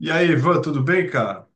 E aí, Ivan, tudo bem, cara?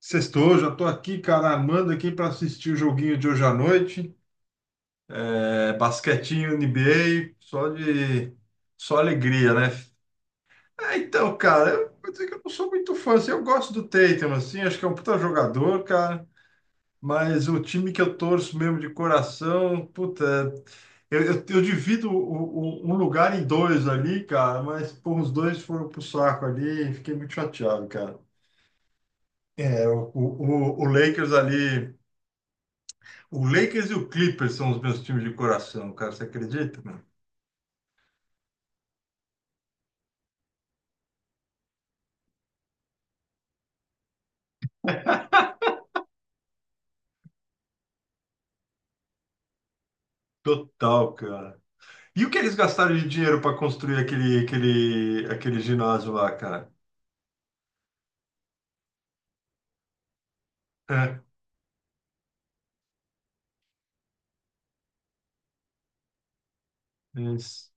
Sextou, já tô aqui, cara, amando aqui para assistir o joguinho de hoje à noite. É, basquetinho, NBA, só alegria, né? É, então, cara, eu vou dizer que eu não sou muito fã, assim, eu gosto do Tatum, assim, acho que é um puta jogador, cara, mas o time que eu torço mesmo de coração, puta, eu divido um lugar em dois ali, cara, mas, pô, os dois foram pro saco ali, fiquei muito chateado. É, o Lakers ali. O Lakers e o Clippers são os meus times de coração, cara. Você acredita, mano? Total, cara. E o que eles gastaram de dinheiro para construir aquele ginásio lá, cara? É, é isso.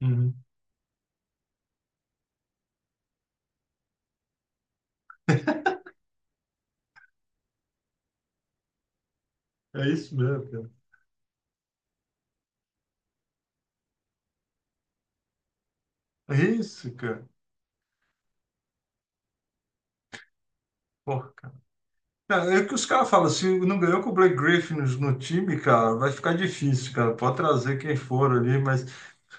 Uhum. É isso mesmo, cara. É isso, cara. Porra, cara. Cara, é o que os caras falam, se não ganhou com o Blake Griffin no time, cara, vai ficar difícil, cara. Pode trazer quem for ali. mas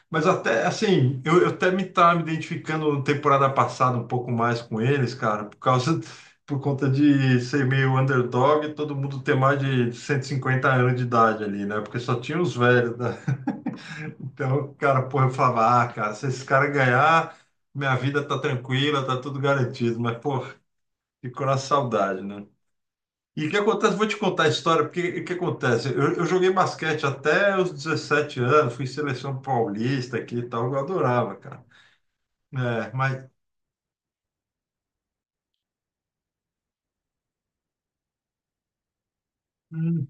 Mas até assim, eu até me estava me identificando na temporada passada um pouco mais com eles, cara, por conta de ser meio underdog e todo mundo ter mais de 150 anos de idade ali, né? Porque só tinha os velhos, né? Então, cara, porra, eu falava, ah, cara, se esses caras ganhar, minha vida tá tranquila, tá tudo garantido. Mas, pô, ficou na saudade, né? E o que acontece? Vou te contar a história, porque o que acontece? Eu joguei basquete até os 17 anos, fui seleção paulista aqui e tal, eu adorava, cara. É, mas hum,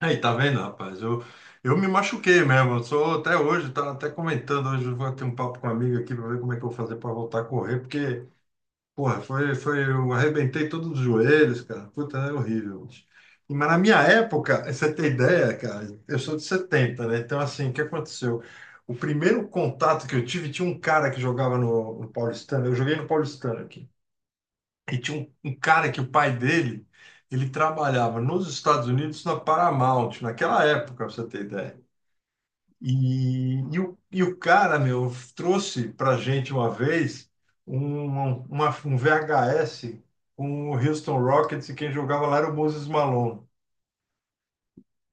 aí tá vendo, rapaz? Eu me machuquei mesmo. Eu sou até hoje, tá até comentando hoje, eu vou ter um papo com uma amiga aqui para ver como é que eu vou fazer para voltar a correr, porque, porra, eu arrebentei todos os joelhos, cara. Puta, é horrível, bicho. Mas na minha época, você tem ideia, cara, eu sou de setenta, né? Então, assim, o que aconteceu? O primeiro contato que eu tive tinha um cara que jogava no Paulistano, eu joguei no Paulistano aqui. E tinha um cara que o pai dele, ele trabalhava nos Estados Unidos na Paramount, naquela época, pra você ter ideia. E o cara, meu, trouxe pra gente uma vez um, um VHS com o Houston Rockets e quem jogava lá era o Moses Malone.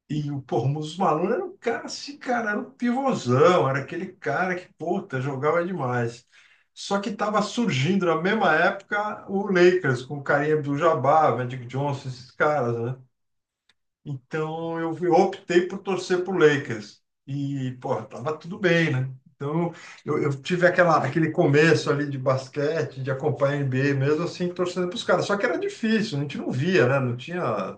E o pô, o Mussumano era um cara assim, cara, era um pivôzão, era aquele cara que, puta, jogava demais. Só que estava surgindo na mesma época o Lakers, com o Kareem Abdul-Jabbar, Magic Johnson, esses caras, né? Então eu optei por torcer pro Lakers. E, pô, tava tudo bem, né? Então eu tive aquele começo ali de basquete, de acompanhar a NBA mesmo, assim, torcendo pros caras. Só que era difícil, a gente não via, né? Não tinha.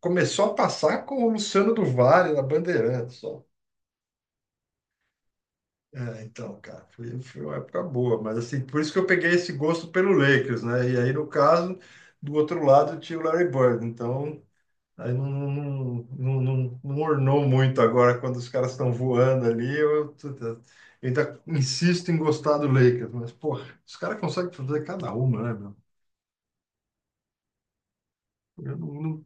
Começou a passar com o Luciano do Vale na Bandeirantes, só. É, então, cara, foi uma época boa, mas assim, por isso que eu peguei esse gosto pelo Lakers, né? E aí, no caso, do outro lado tinha o Larry Bird, então aí não ornou muito agora quando os caras estão voando ali. Eu ainda insisto em gostar do Lakers, mas, porra, os caras conseguem fazer cada uma, né, meu? Eu não, não-.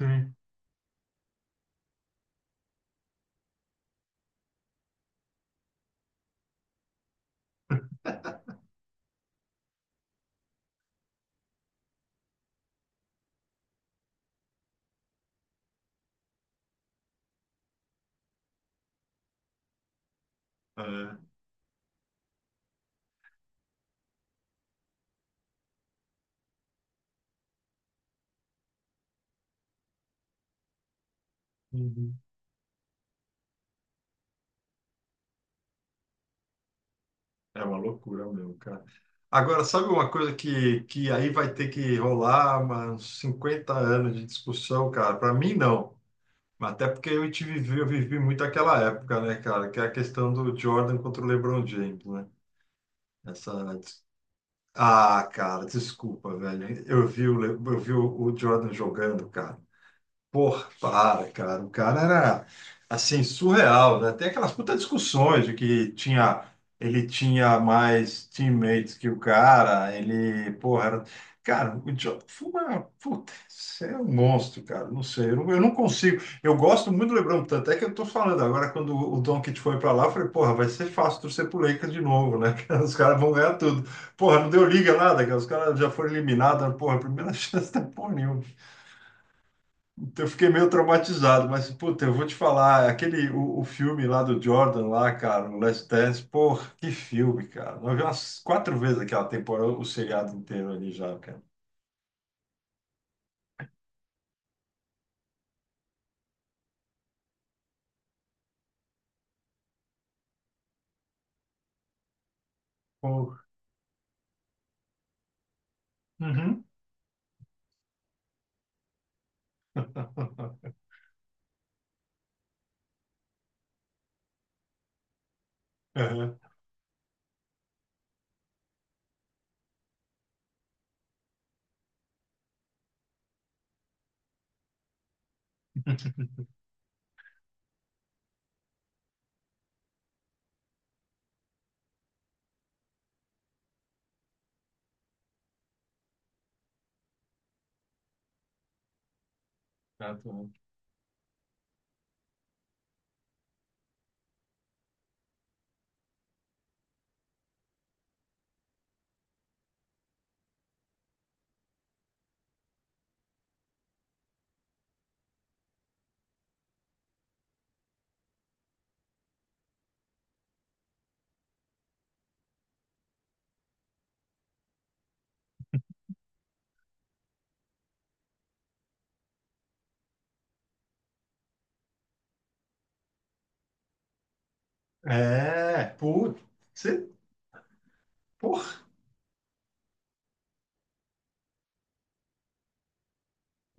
É. Uhum. É uma loucura mesmo, cara. Agora, sabe uma coisa que aí vai ter que rolar uns 50 anos de discussão, cara? Para mim, não. Mas até porque eu vivi muito aquela época, né, cara? Que é a questão do Jordan contra o LeBron James, né? Essa... Ah, cara, desculpa, velho. Eu vi o Jordan jogando, cara. Porra, para, cara. O cara era, assim, surreal, né? Tem aquelas putas discussões de que ele tinha mais teammates que o cara, ele, porra, era... Cara, o Jordan foi uma... Puta, você é um monstro, cara. Não sei, eu não consigo. Eu gosto muito do LeBron, tanto é que eu tô falando agora, quando o Doncic foi pra lá, eu falei, porra, vai ser fácil torcer pro Lakers de novo, né? Os caras vão ganhar tudo. Porra, não deu liga nada, cara. Os caras já foram eliminados, porra, primeira chance da porra nenhuma. Eu fiquei meio traumatizado, mas, puta, eu vou te falar, o filme lá do Jordan, lá, cara, o Last Dance, porra, que filme, cara. Nós vimos umas quatro vezes aquela temporada, o seriado inteiro ali já, cara. Porra. Uhum. Aham. É, puta, você, porra.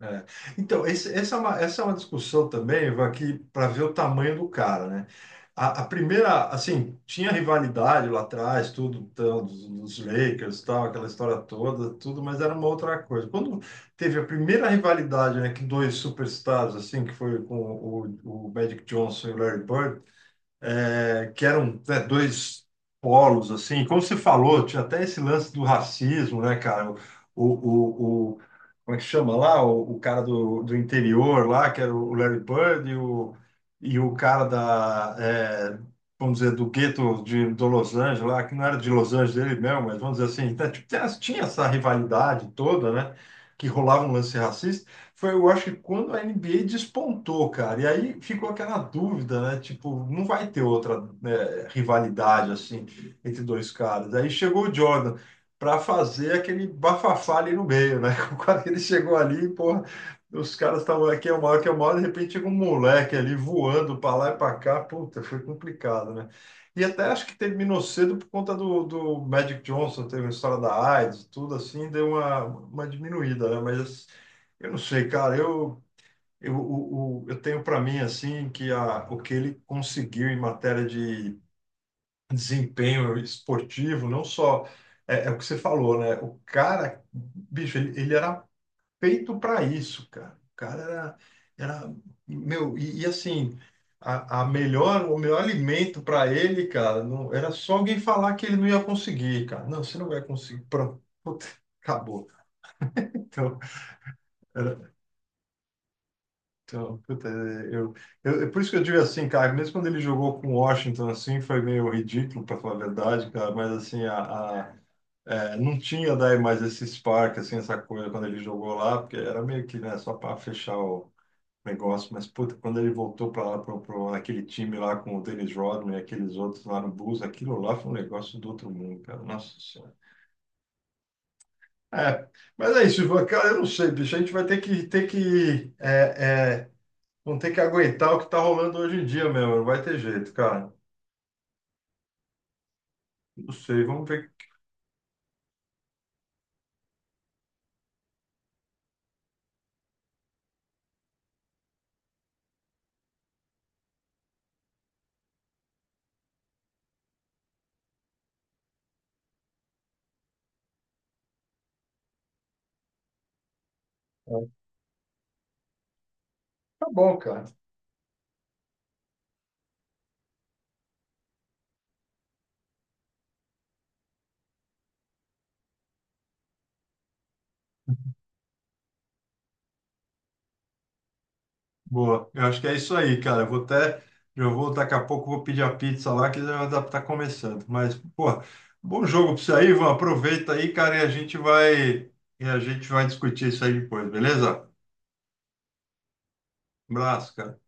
É. Então, essa é uma discussão também, Ivan, aqui para ver o tamanho do cara, né? A primeira, assim, tinha rivalidade lá atrás, tudo, tal, dos Lakers, tal, aquela história toda, tudo, mas era uma outra coisa. Quando teve a primeira rivalidade, né, que dois superstars, assim, que foi com o Magic Johnson e o Larry Bird, é, que eram, né, dois polos, assim, como você falou, tinha até esse lance do racismo, né, cara? O, o, o- Como é que chama lá? O cara do interior lá, que era o Larry Bird, e o cara da, é, vamos dizer, do gueto do Los Angeles lá, que não era de Los Angeles dele mesmo, mas vamos dizer assim, tá, tipo, tinha essa rivalidade toda, né? Que rolava um lance racista. Foi, eu acho que quando a NBA despontou, cara, e aí ficou aquela dúvida, né? Tipo, não vai ter outra, né, rivalidade assim entre dois caras. Aí chegou o Jordan para fazer aquele bafafá ali no meio, né? Quando ele chegou ali, porra, os caras estavam aqui é o maior, que é o maior, de repente chega um moleque ali voando para lá e para cá, puta, foi complicado, né? E até acho que terminou cedo por conta do Magic Johnson, teve a história da AIDS, tudo assim, deu uma diminuída, né? Mas eu não sei, cara. Eu tenho para mim assim que o que ele conseguiu em matéria de desempenho esportivo, não só é o que você falou, né? O cara, bicho, ele era feito para isso, cara. O cara era meu assim a melhor o melhor alimento para ele, cara, não era só alguém falar que ele não ia conseguir, cara. Não, você não vai conseguir. Pronto, acabou. Então Então, puta, é, é por isso que eu digo assim, cara, mesmo quando ele jogou com Washington, assim, foi meio ridículo, para falar a verdade, cara, mas assim, é, não tinha daí mais esse spark, assim, essa coisa quando ele jogou lá, porque era meio que, né, só para fechar o negócio, mas, puta, quando ele voltou para lá, aquele time lá com o Dennis Rodman e aqueles outros lá no Bulls, aquilo lá foi um negócio do outro mundo, cara, nossa senhora. É, mas é isso, Ivan, cara, eu não sei, bicho, a gente vai ter que, é, é, vão ter que aguentar o que tá rolando hoje em dia mesmo. Não vai ter jeito, cara. Não sei, vamos ver. Tá bom, cara. Boa. Eu acho que é isso aí, cara. Eu vou até. Já vou, daqui a pouco, vou pedir a pizza lá, que já dá pra tá começando. Mas, pô, bom jogo pra você aí, Ivan. Aproveita aí, cara, e a gente vai. E a gente vai discutir isso aí depois, beleza? Um abraço, cara.